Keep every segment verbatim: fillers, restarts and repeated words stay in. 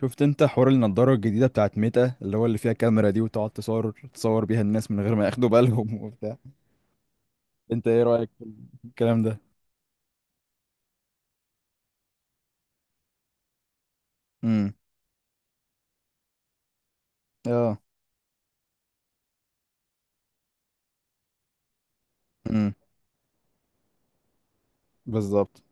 شفت انت حوار النضارة الجديدة بتاعت ميتا اللي هو اللي فيها كاميرا دي وتقعد تصور تصور بيها الناس من غير ما ياخدوا بالهم وبتاع. انت ايه رأيك في الكلام ده؟ امم. اه. امم. بالظبط.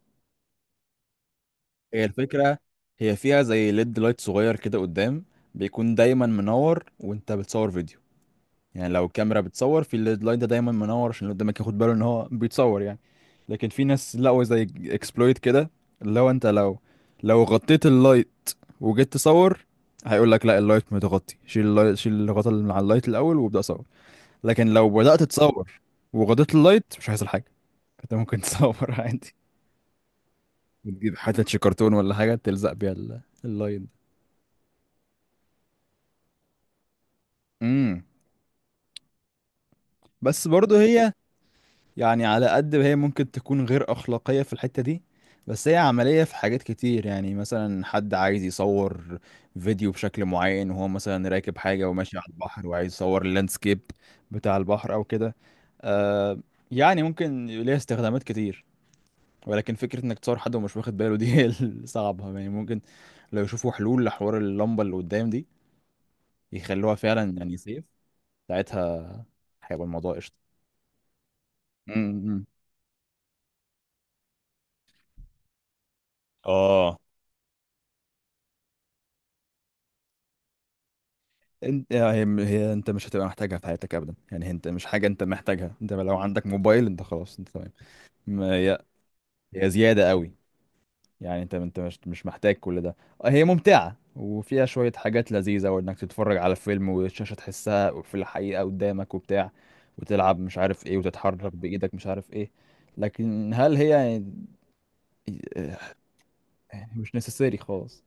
هي الفكرة. هي فيها زي ليد لايت صغير كده قدام، بيكون دايما منور وانت بتصور فيديو. يعني لو الكاميرا بتصور في اللاين ده دايما منور عشان اللي قدامك ياخد باله ان هو بيتصور يعني. لكن في ناس لقوا زي اكسبلويت كده، اللي هو انت لو لو غطيت اللايت وجيت تصور هيقول لك لا، اللايت متغطي، شيل اللايت، شيل الغطا اللي على اللايت الاول وابدا صور. لكن لو بدات تصور وغطيت اللايت مش هيحصل حاجه. انت ممكن تصور عادي، وتجيب حتة شي كرتون ولا حاجه تلزق بيها ال- اللايت ده. امم. بس برضه هي، يعني على قد ما هي ممكن تكون غير أخلاقية في الحتة دي، بس هي عملية في حاجات كتير. يعني مثلا حد عايز يصور فيديو بشكل معين وهو مثلا راكب حاجة وماشي على البحر وعايز يصور اللاندسكيب بتاع البحر أو كده. آه. يعني ممكن ليها استخدامات كتير، ولكن فكرة إنك تصور حد ومش واخد باله دي هي الصعبة. يعني ممكن لو يشوفوا حلول لحوار اللمبة اللي قدام دي يخلوها فعلا يعني سيف. ساعتها هيبقى الموضوع قشطة. م- م. اه. انت هي هي انت مش هتبقى محتاجها في حياتك ابدا. يعني انت مش حاجه انت محتاجها. انت لو عندك موبايل انت خلاص انت تمام. ما هي، هي زياده قوي. يعني انت انت مش مش محتاج كل ده. هي ممتعه وفيها شويه حاجات لذيذه، وانك تتفرج على فيلم والشاشه تحسها في الحقيقه قدامك وبتاع، وتلعب مش عارف ايه وتتحرك بايدك مش عارف ايه. لكن هل هي يعني؟ يعني مش نسيسري خالص.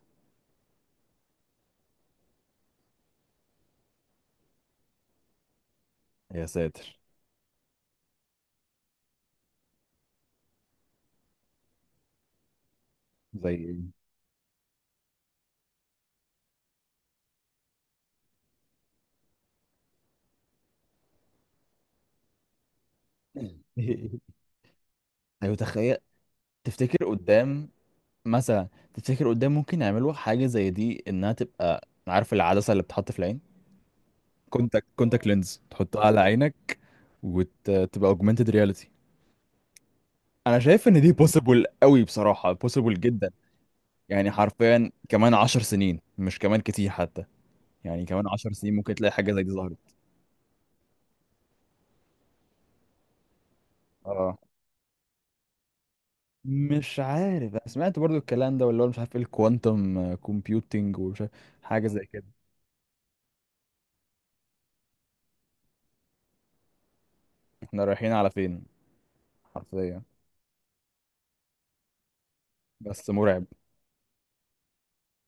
يا ساتر. زي. ايوه، تخيل. تفتكر قدام مثلا. تفتكر قدام ممكن يعملوا حاجة زي دي، انها تبقى، عارف العدسة اللي بتحط في العين، كونتاكت كونتاكت لينز، تحطها على عينك وتبقى اوجمانتد رياليتي. انا شايف ان دي بوسيبل قوي، بصراحة بوسيبل جدا. يعني حرفيا كمان عشر سنين، مش كمان كتير حتى. يعني كمان عشر سنين ممكن تلاقي حاجة زي دي ظهرت. اه. مش عارف، أنا سمعت برضو الكلام ده واللي هو مش عارف ايه، الكوانتم كومبيوتنج ومش عارف حاجة زي كده. احنا رايحين على فين حرفيا؟ بس مرعب.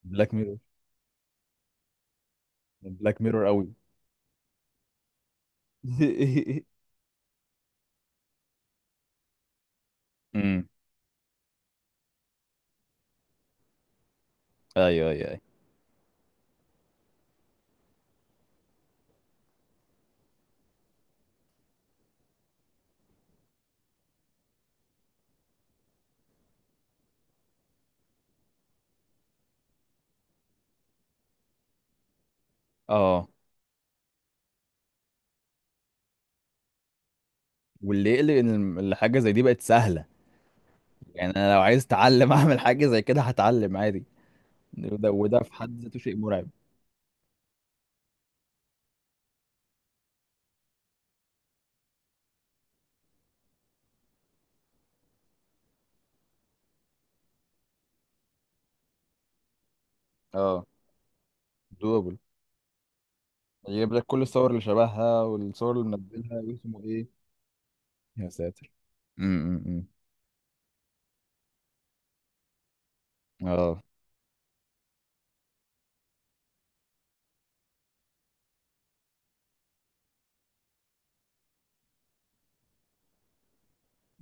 بلاك ميرور، بلاك ميرور قوي. امم. ايوه ايوه ايوه. اه. واللي يقلق ان الم- الحاجه زي دي بقت سهله. يعني انا لو عايز اتعلم اعمل حاجه زي كده هتعلم عادي. وده وده في حد ذاته شيء مرعب. اه. دوبل. يجيب لك كل الصور اللي شبهها والصور اللي منزلها واسمه ايه. يا ساتر. امم، امم. اه.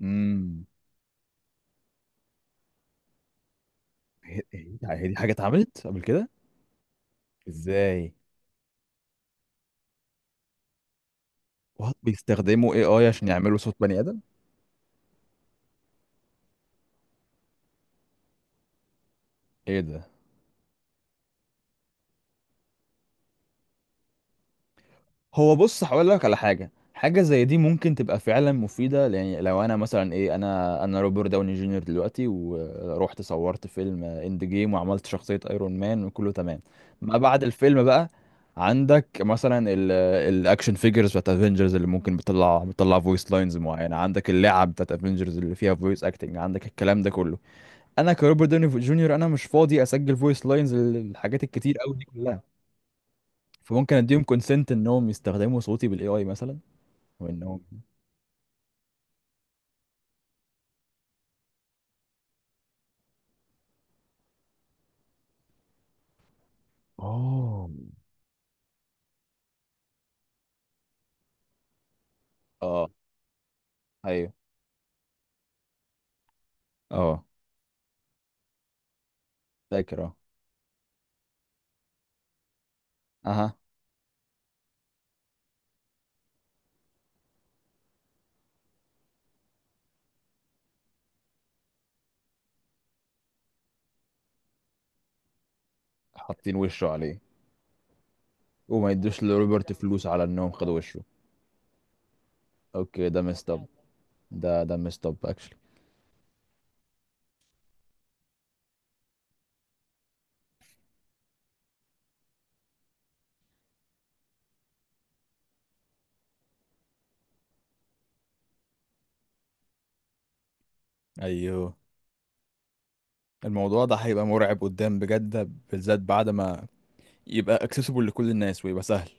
امم. إيه؟ ده؟ هي دي حاجه اتعملت قبل كده؟ ازاي؟ وات، بيستخدموا اي اي عشان يعملوا صوت بني ادم؟ ايه ده؟ هو بص، هقول لك على حاجه. حاجه زي دي ممكن تبقى فعلا مفيده. يعني لو انا مثلا ايه، انا انا روبرت داوني جونيور دلوقتي، ورحت صورت فيلم اند جيم وعملت شخصيه ايرون مان وكله تمام. ما بعد الفيلم بقى، عندك مثلا ال- الاكشن فيجرز بتاعت افنجرز اللي ممكن بتطلع بتطلع فويس لاينز معينه، عندك اللعب بتاعت افنجرز اللي فيها فويس اكتنج، عندك الكلام ده كله. انا كروبرت داوني جونيور انا مش فاضي اسجل فويس لاينز للحاجات الكتير قوي دي كلها. فممكن اديهم كونسنت انهم يستخدموا صوتي بالاي اي مثلا. وانهم. اه. اه ايوه اه. فاكر اه. اها. حاطين وشه عليه. وما يدوش لروبرت فلوس على انهم خدوا وشه. اوكي، ده مستب. ده ده مستب اكشلي. ايوه. الموضوع ده هيبقى مرعب قدام، بجد ده. بالذات بعد ما يبقى اكسسبل لكل الناس ويبقى سهل.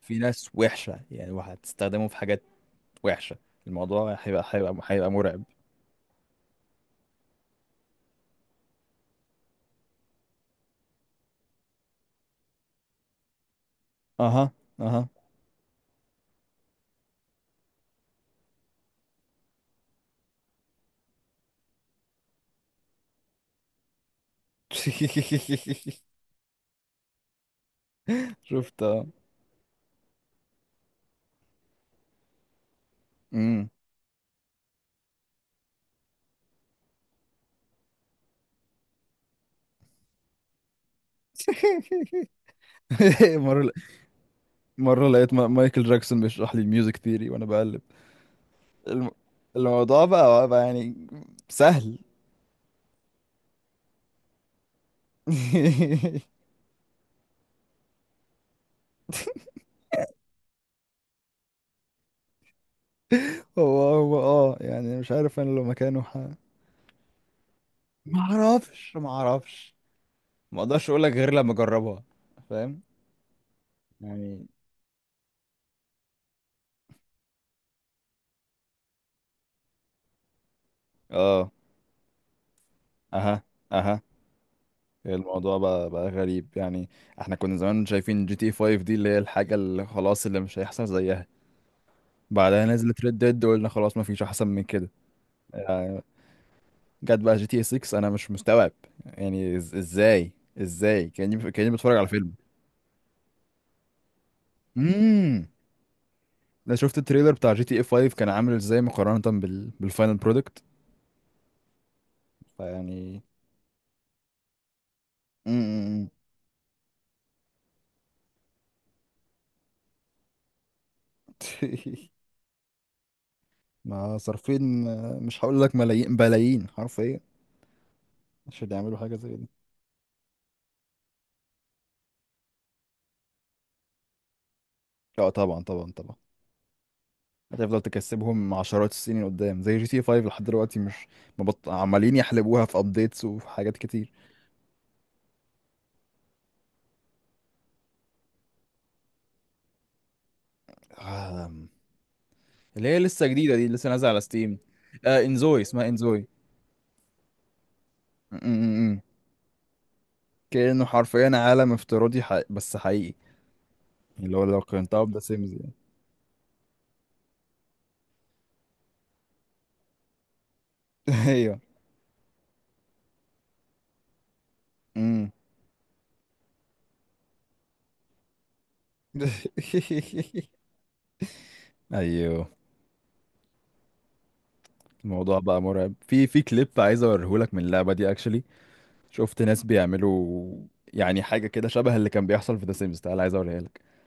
في ناس وحشة يعني، وهتستخدمه في حاجات وحشة. الموضوع هيبقى هيبقى هيبقى مرعب. اها، اها. شفت. امم. مرة، مرة لقيت ما- مايكل جاكسون بيشرح لي الميوزك ثيري وانا بقلب، الم... الموضوع بقى بقى يعني سهل. هو هو اه، يعني مش عارف، انا لو مكانه ح... ما اعرفش، ما اعرفش. ما اقدرش اقول لك غير لما اجربها. فاهم يعني. اه. اها، اها. الموضوع بقى بقى غريب يعني. احنا كنا زمان شايفين جي تي فايف دي، اللي هي الحاجة اللي خلاص اللي مش هيحصل زيها. بعدها نزلت ريد ديد وقلنا خلاص ما فيش احسن من كده. آه، جت بقى جي تي ستة، انا مش مستوعب. يعني إز- ازاي ازاي كاني كاني بتفرج على فيلم. امم. انا شفت التريلر بتاع جي تي اي فايف كان عامل ازاي مقارنة بال... بالفاينل برودكت. فيعني. امم. ما صارفين آه، مش هقول لك ملايين بلايين حرفيا عشان يعملوا حاجة زي دي. اه، طبعا طبعا طبعا. هتفضل تكسبهم عشرات السنين قدام، زي جي تي فايف لحد دلوقتي مش مبط... عمالين يحلبوها في ابديتس وحاجات كتير. آه، اللي هي لسه جديدة دي، لسه نازلة على ستيم. آه، انزوي، اسمها انزوي. م- م- م. كأنه حرفيا عالم افتراضي حق... بس حقيقي. اللي هو لو قارنتها بذا سيمز يعني. ايوه. م. ايوه. الموضوع بقى مرعب. في في كليب عايز اوريهولك من اللعبة دي اكشلي. شفت ناس بيعملوا يعني حاجة كده شبه اللي كان بيحصل في ذا سيمز. تعالى عايز اوريها لك.